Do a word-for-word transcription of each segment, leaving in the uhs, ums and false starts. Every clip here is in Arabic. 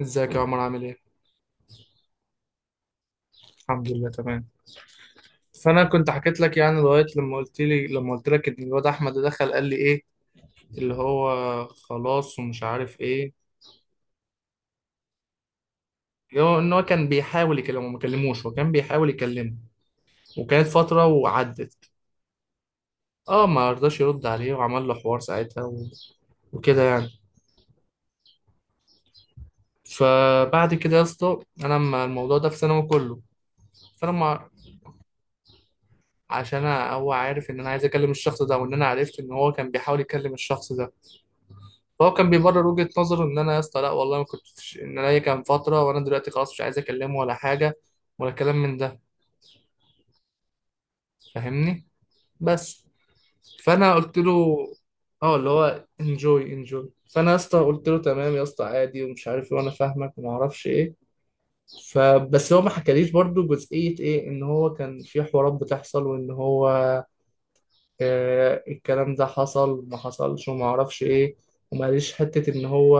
ازيك يا عمر عامل ايه؟ الحمد لله تمام. فانا كنت حكيت لك يعني لغايه لما قلت لي لما قلت لك ان الواد احمد ده دخل قال لي ايه، اللي هو خلاص ومش عارف ايه، اللي هو ان هو كان بيحاول يكلمه، ما كلموش، هو كان بيحاول يكلمه وكانت فتره وعدت. اه، ما رضاش يرد عليه وعمل له حوار ساعتها و... وكده يعني. فبعد كده يا اسطى انا لما الموضوع ده في ثانوي كله، فانا ما عشان أنا- هو عارف ان انا عايز اكلم الشخص ده وان انا عرفت ان هو كان بيحاول يكلم الشخص ده، فهو كان بيبرر وجهة نظره ان انا يا اسطى لا والله ما كنتش، ان انا هي كان فترة وانا دلوقتي خلاص مش عايز اكلمه ولا حاجة ولا كلام من ده، فاهمني؟ بس. فانا قلت له اه، اللي هو انجوي انجوي، فانا يا اسطى قلت له تمام يا اسطى، عادي ومش عارف ايه، وانا فاهمك وما اعرفش ايه. فبس هو ما حكاليش برضو جزئية ايه، ان هو كان في حوارات بتحصل وان هو آه، الكلام ده حصل ما حصلش وما اعرفش ايه، وما قاليش حته ان هو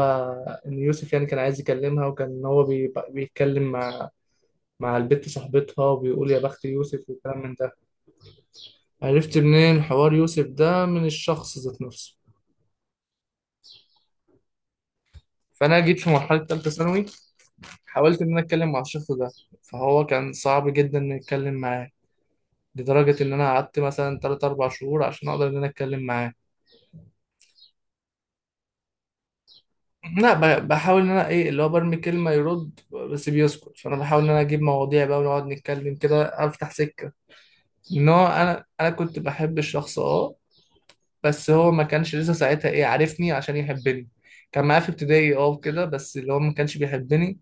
ان يوسف يعني كان عايز يكلمها، وكان ان هو بي- بيتكلم مع مع البت صاحبتها وبيقول يا بخت يوسف والكلام من ده. عرفت منين حوار يوسف ده؟ من الشخص ذات نفسه. فانا جيت في مرحله ثالثه ثانوي، حاولت ان انا اتكلم مع الشخص ده، فهو كان صعب جدا ان اتكلم معاه، لدرجه ان انا قعدت مثلا تلاتة اربعة شهور عشان اقدر ان انا اتكلم معاه. لا، ب- بحاول ان انا ايه، اللي هو برمي كلمه يرد بس بيسكت، فانا بحاول ان انا اجيب مواضيع بقى ونقعد نتكلم كده، افتح سكه ان هو انا انا كنت بحب الشخص، اه. بس هو ما كانش لسه ساعتها ايه، عارفني عشان يحبني، كان معايا في ابتدائي اه وكده، بس اللي هو ما كانش بيحبني.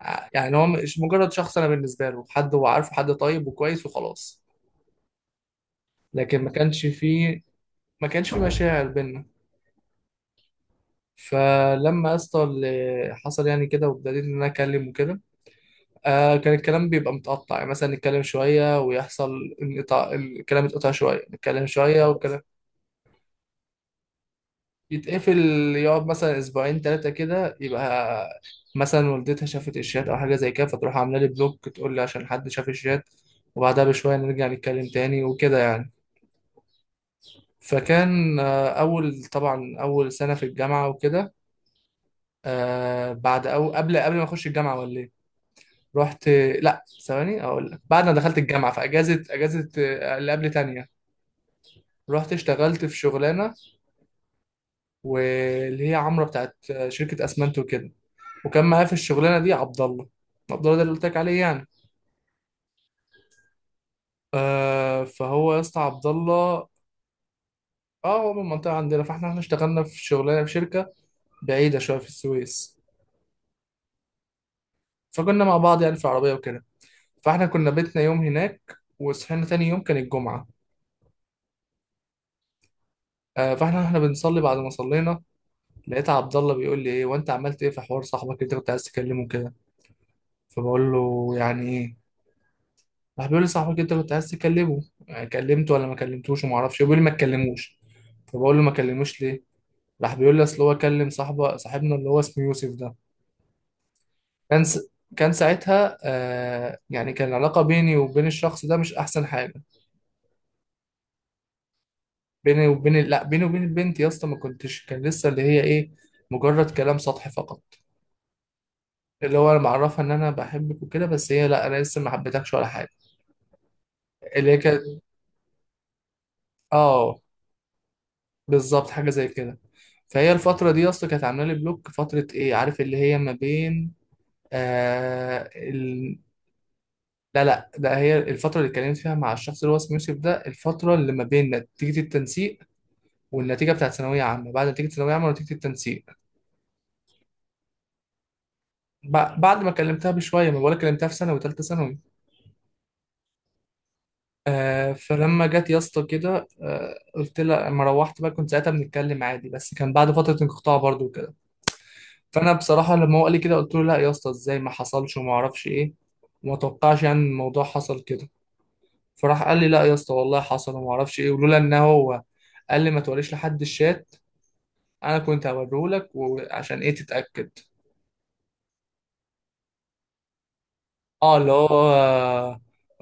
ع- يعني هو مش مجرد شخص انا بالنسبه له، حد هو عارفه حد طيب وكويس وخلاص، لكن ما كانش فيه، ما كانش فيه مشاعر بينا. فلما يا اسطى اللي حصل يعني كده وابتديت ان انا اكلم وكده، آه كان الكلام بيبقى متقطع، يعني مثلا نتكلم شوية ويحصل انقطاع، الكلام يتقطع شوية، نتكلم شوية والكلام يتقفل، يقعد مثلا أسبوعين تلاتة كده، يبقى مثلا والدتها شافت الشات أو حاجة زي كده فتروح عاملة لي بلوك، تقول لي عشان حد شاف الشات، وبعدها بشوية نرجع نتكلم تاني وكده يعني. فكان آه أول، طبعا أول سنة في الجامعة وكده، آه بعد أو قبل قبل ما أخش الجامعة ولا إيه؟ رحت، لا ثواني أقول لك، بعد ما دخلت الجامعة في أجازة، أجازة آه، اللي قبل تانية. رحت اشتغلت في شغلانه، واللي هي عمرة بتاعت شركه اسمنت وكده، وكان معايا في الشغلانه دي عبد الله. عبد الله ده اللي قلت لك عليه يعني، آه. فهو يا اسطى عبد الله، اه هو من المنطقه عندنا، فاحنا احنا اشتغلنا في شغلانه في شركه بعيده شويه في السويس، فكنا مع بعض يعني في العربيه وكده. فاحنا كنا بيتنا يوم هناك وصحينا تاني يوم كان الجمعه، آه فاحنا احنا بنصلي، بعد ما صلينا لقيت عبد الله بيقول لي ايه، وانت عملت ايه في حوار صاحبك اللي انت كنت عايز تكلمه كده؟ فبقول له يعني ايه؟ راح بيقول لي صاحبك انت كنت عايز تكلمه يعني، كلمته ولا ما كلمتوش وما اعرفش؟ بيقول لي ما تكلموش. فبقول له ما كلموش ليه؟ راح بيقول لي اصل هو كلم صاحبه، صاحبنا اللي هو اسمه يوسف ده. كان س... كان ساعتها آه يعني كان العلاقه بيني وبين الشخص ده مش احسن حاجه. بيني وبين لا بيني وبين البنت يا اسطى ما كنتش، كان لسه اللي هي ايه، مجرد كلام سطحي فقط، اللي هو انا معرفها ان انا بحبك وكده، بس هي لا انا لسه ما حبيتكش ولا حاجه. اللي هي كانت، اه بالظبط حاجه زي كده. فهي الفترة دي أصلا كانت عاملة لي بلوك فترة، إيه عارف، اللي هي ما بين آه ال... لا لا، ده هي الفترة اللي اتكلمت فيها مع الشخص اللي هو اسمه يوسف ده، الفترة اللي ما بين نتيجة التنسيق والنتيجة بتاعت ثانوية عامة، بعد نتيجة ثانوية عامة ونتيجة التنسيق. ب... بعد ما كلمتها بشوية، ما بقولك كلمتها في ثانوي وثالثة ثانوي. آه فلما جت يا اسطى كده آه، قلت لها لما روحت بقى كنت ساعتها بنتكلم عادي، بس كان بعد فترة انقطاع برضو. فانا بصراحه لما هو قال لي كده قلت له لا يا اسطى ازاي، ما حصلش وما اعرفش ايه، وما توقعش يعني إن الموضوع حصل كده. فراح قال لي لا يا اسطى والله حصل وما اعرفش ايه، ولولا ان هو قال لي ما توريش لحد الشات، انا كنت هوريه لك وعشان ايه تتاكد. اه اللي هو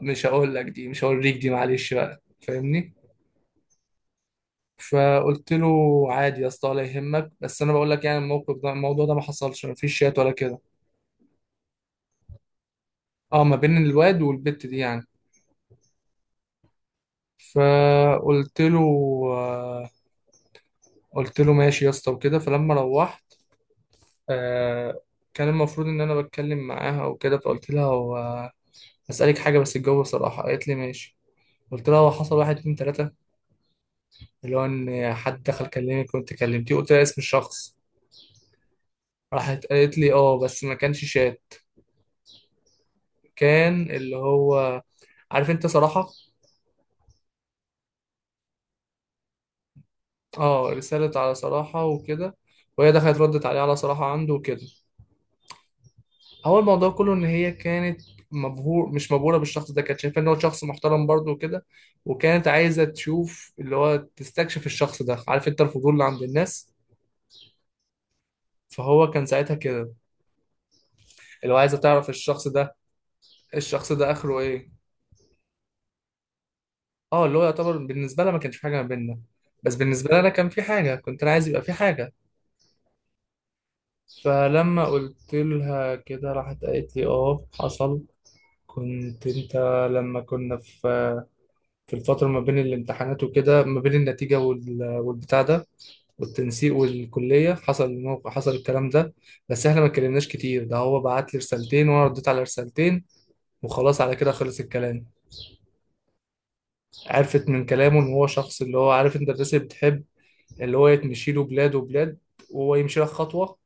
مش هقول لك دي، مش هوريك دي، معلش بقى فاهمني. فقلت له عادي يا اسطى ولا يهمك، بس انا بقول لك يعني الموقف ده، الموضوع ده ما حصلش، ما فيش شات ولا كده. اه، ما بين الواد والبت دي يعني. فقلت له، قلت له ماشي يا اسطى وكده. فلما روحت آه، كان المفروض ان انا بتكلم معاها وكده، فقلت لها هو هسألك حاجة بس الجو صراحة، قالت لي ماشي. قلت لها هو حصل واحد اتنين تلاتة، اللي هو ان حد دخل كلمك وانت كلمتيه، قلت لها اسم الشخص. راحت قالت لي اه، بس ما كانش شات، كان اللي هو عارف انت صراحة. اه، رسالة على صراحة وكده، وهي دخلت ردت عليه على صراحة عنده وكده. هو الموضوع كله ان هي كانت مبهور مش مبهوره بالشخص ده، كانت شايفه ان هو شخص محترم برضه وكده، وكانت عايزه تشوف اللي هو تستكشف الشخص ده، عارف انت الفضول اللي عند الناس. فهو كان ساعتها كده اللي هو عايزه تعرف الشخص ده، الشخص ده اخره ايه. اه اللي هو يعتبر بالنسبه لها ما كانش في حاجه ما بيننا، بس بالنسبه لي انا كان في حاجه، كنت انا عايز يبقى في حاجه. فلما قلت لها كده راحت قالت لي اه حصل، كنت انت لما كنا في في الفترة ما بين الامتحانات وكده، ما بين النتيجة وال- والبتاع ده، والتنسيق والكلية حصل الموقع، حصل الكلام ده، بس احنا ما اتكلمناش كتير، ده هو بعت لي رسالتين وانا رديت على رسالتين، وخلاص على كده خلص الكلام. عرفت من كلامه ان هو شخص اللي هو عارف انت الناس اللي بتحب اللي هو يتمشي له بلاد وبلاد وهو يمشي لك خطوة.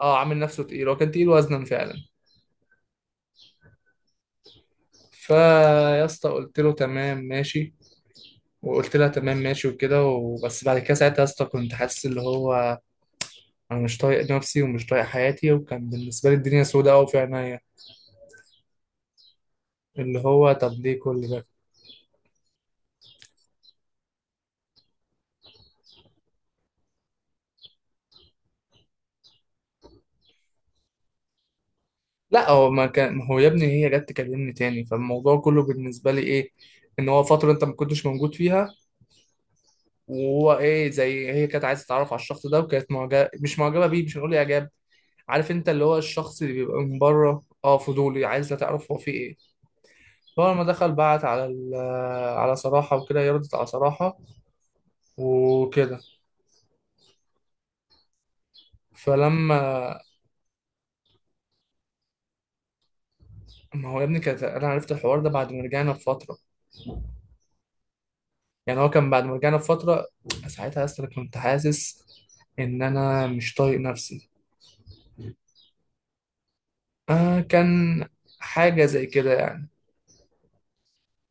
اه عامل نفسه تقيل، هو كان تقيل وزنا فعلا. فيا اسطى قلت له تمام ماشي، وقلت لها تمام ماشي وكده. وبس بعد كده ساعتها يا اسطى كنت حاسس اللي هو انا مش طايق نفسي ومش طايق حياتي، وكان بالنسبه لي الدنيا سوداء قوي في عينيا، اللي هو طب ليه كل ده. لا هو ما كان، ما هو يا ابني هي جت تكلمني تاني، فالموضوع كله بالنسبه لي ايه، ان هو فتره انت ما كنتش موجود فيها، وهو ايه زي هي كانت عايزه تتعرف على الشخص ده، وكانت معجبه، مش معجبه بيه مش هنقول اعجاب، عارف انت اللي هو الشخص اللي بيبقى من بره اه، فضولي عايز تعرف هو فيه ايه. فهو لما دخل بعت على ال- على صراحه وكده، هي ردت على صراحه وكده. فلما، ما هو يا ابني كانت، انا عرفت الحوار ده بعد ما رجعنا بفتره، يعني هو كان بعد ما رجعنا بفتره. ساعتها يا اسطى أنا كنت حاسس ان انا مش طايق نفسي، آه كان حاجه زي كده يعني.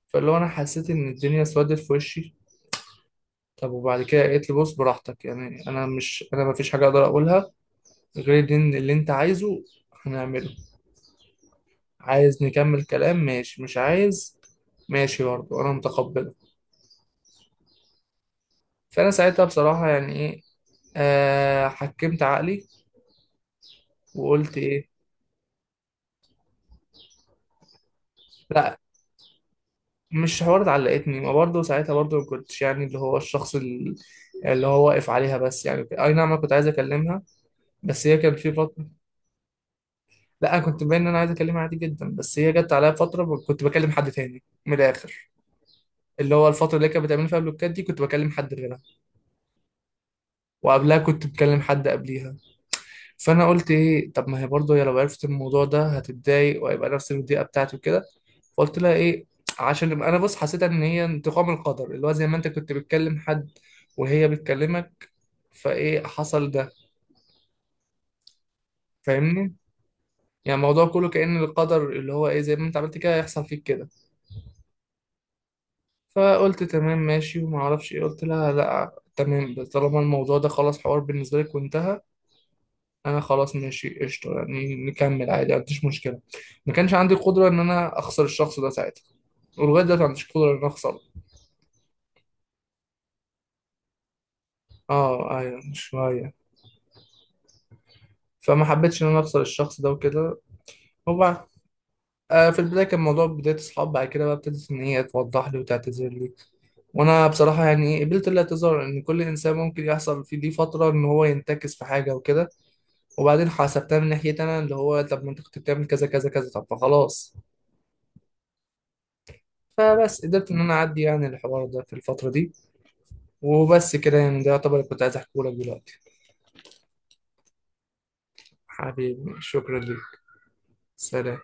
فاللي هو انا حسيت ان الدنيا اسودت في وشي، طب وبعد كده قالت لي بص براحتك يعني، انا مش انا ما فيش حاجه اقدر اقولها غير ان اللي انت عايزه هنعمله، عايز نكمل كلام ماشي، مش عايز ماشي برضه انا متقبله. فانا ساعتها بصراحه يعني ايه، آه حكمت عقلي وقلت إيه، لا مش حوار اتعلقتني، ما برضه ساعتها برضه ما كنتش يعني اللي هو الشخص ال- اللي هو واقف عليها، بس يعني اي نعم انا كنت عايز اكلمها، بس هي كان في فتره. لا انا كنت باين ان انا عايز اكلمها عادي جدا، بس هي جت عليا فتره ب- كنت بكلم حد تاني من الاخر، اللي هو الفتره اللي هي كانت بتعمل فيها بلوكات دي كنت بكلم حد غيرها، وقبلها كنت بكلم حد قبليها. فانا قلت ايه، طب ما هي برضه هي لو عرفت الموضوع ده هتتضايق وهيبقى نفس الضيقه بتاعتي وكده، فقلت لها ايه، عشان يبقى انا بص حسيت ان هي انتقام القدر اللي هو زي ما انت كنت بتكلم حد وهي بتكلمك، فايه حصل ده، فاهمني. يعني الموضوع كله كأن القدر اللي هو ايه زي ما انت عملت كده هيحصل فيك كده. فقلت تمام ماشي وما اعرفش ايه، قلت لها لا تمام، طالما الموضوع ده خلاص حوار بالنسبه لك وانتهى، انا خلاص ماشي قشطه يعني نكمل عادي، ما عنديش مشكله، ما كانش عندي القدره ان انا اخسر الشخص ده ساعتها، ولغايه دلوقتي ما عنديش قدره ان انا اخسره. اه ايوه شويه، فما حبيتش ان انا اخسر الشخص ده وكده. وبعد آه في البدايه كان موضوع بدايه اصحاب، بعد كده بقى ابتدت ان هي توضح لي وتعتذر لي، وانا بصراحه يعني إيه، قبلت الاعتذار، ان كل انسان ممكن يحصل في دي فتره ان هو ينتكس في حاجه وكده، وبعدين حسبتها من ناحيتي انا اللي هو طب ما انت كنت بتعمل كذا كذا كذا، طب فخلاص. فبس قدرت ان انا اعدي يعني الحوار ده في الفترة دي. وبس كده يعني، ده يعتبر اللي كنت عايز احكيه لك دلوقتي. حبيبي شكرا ليك، سلام.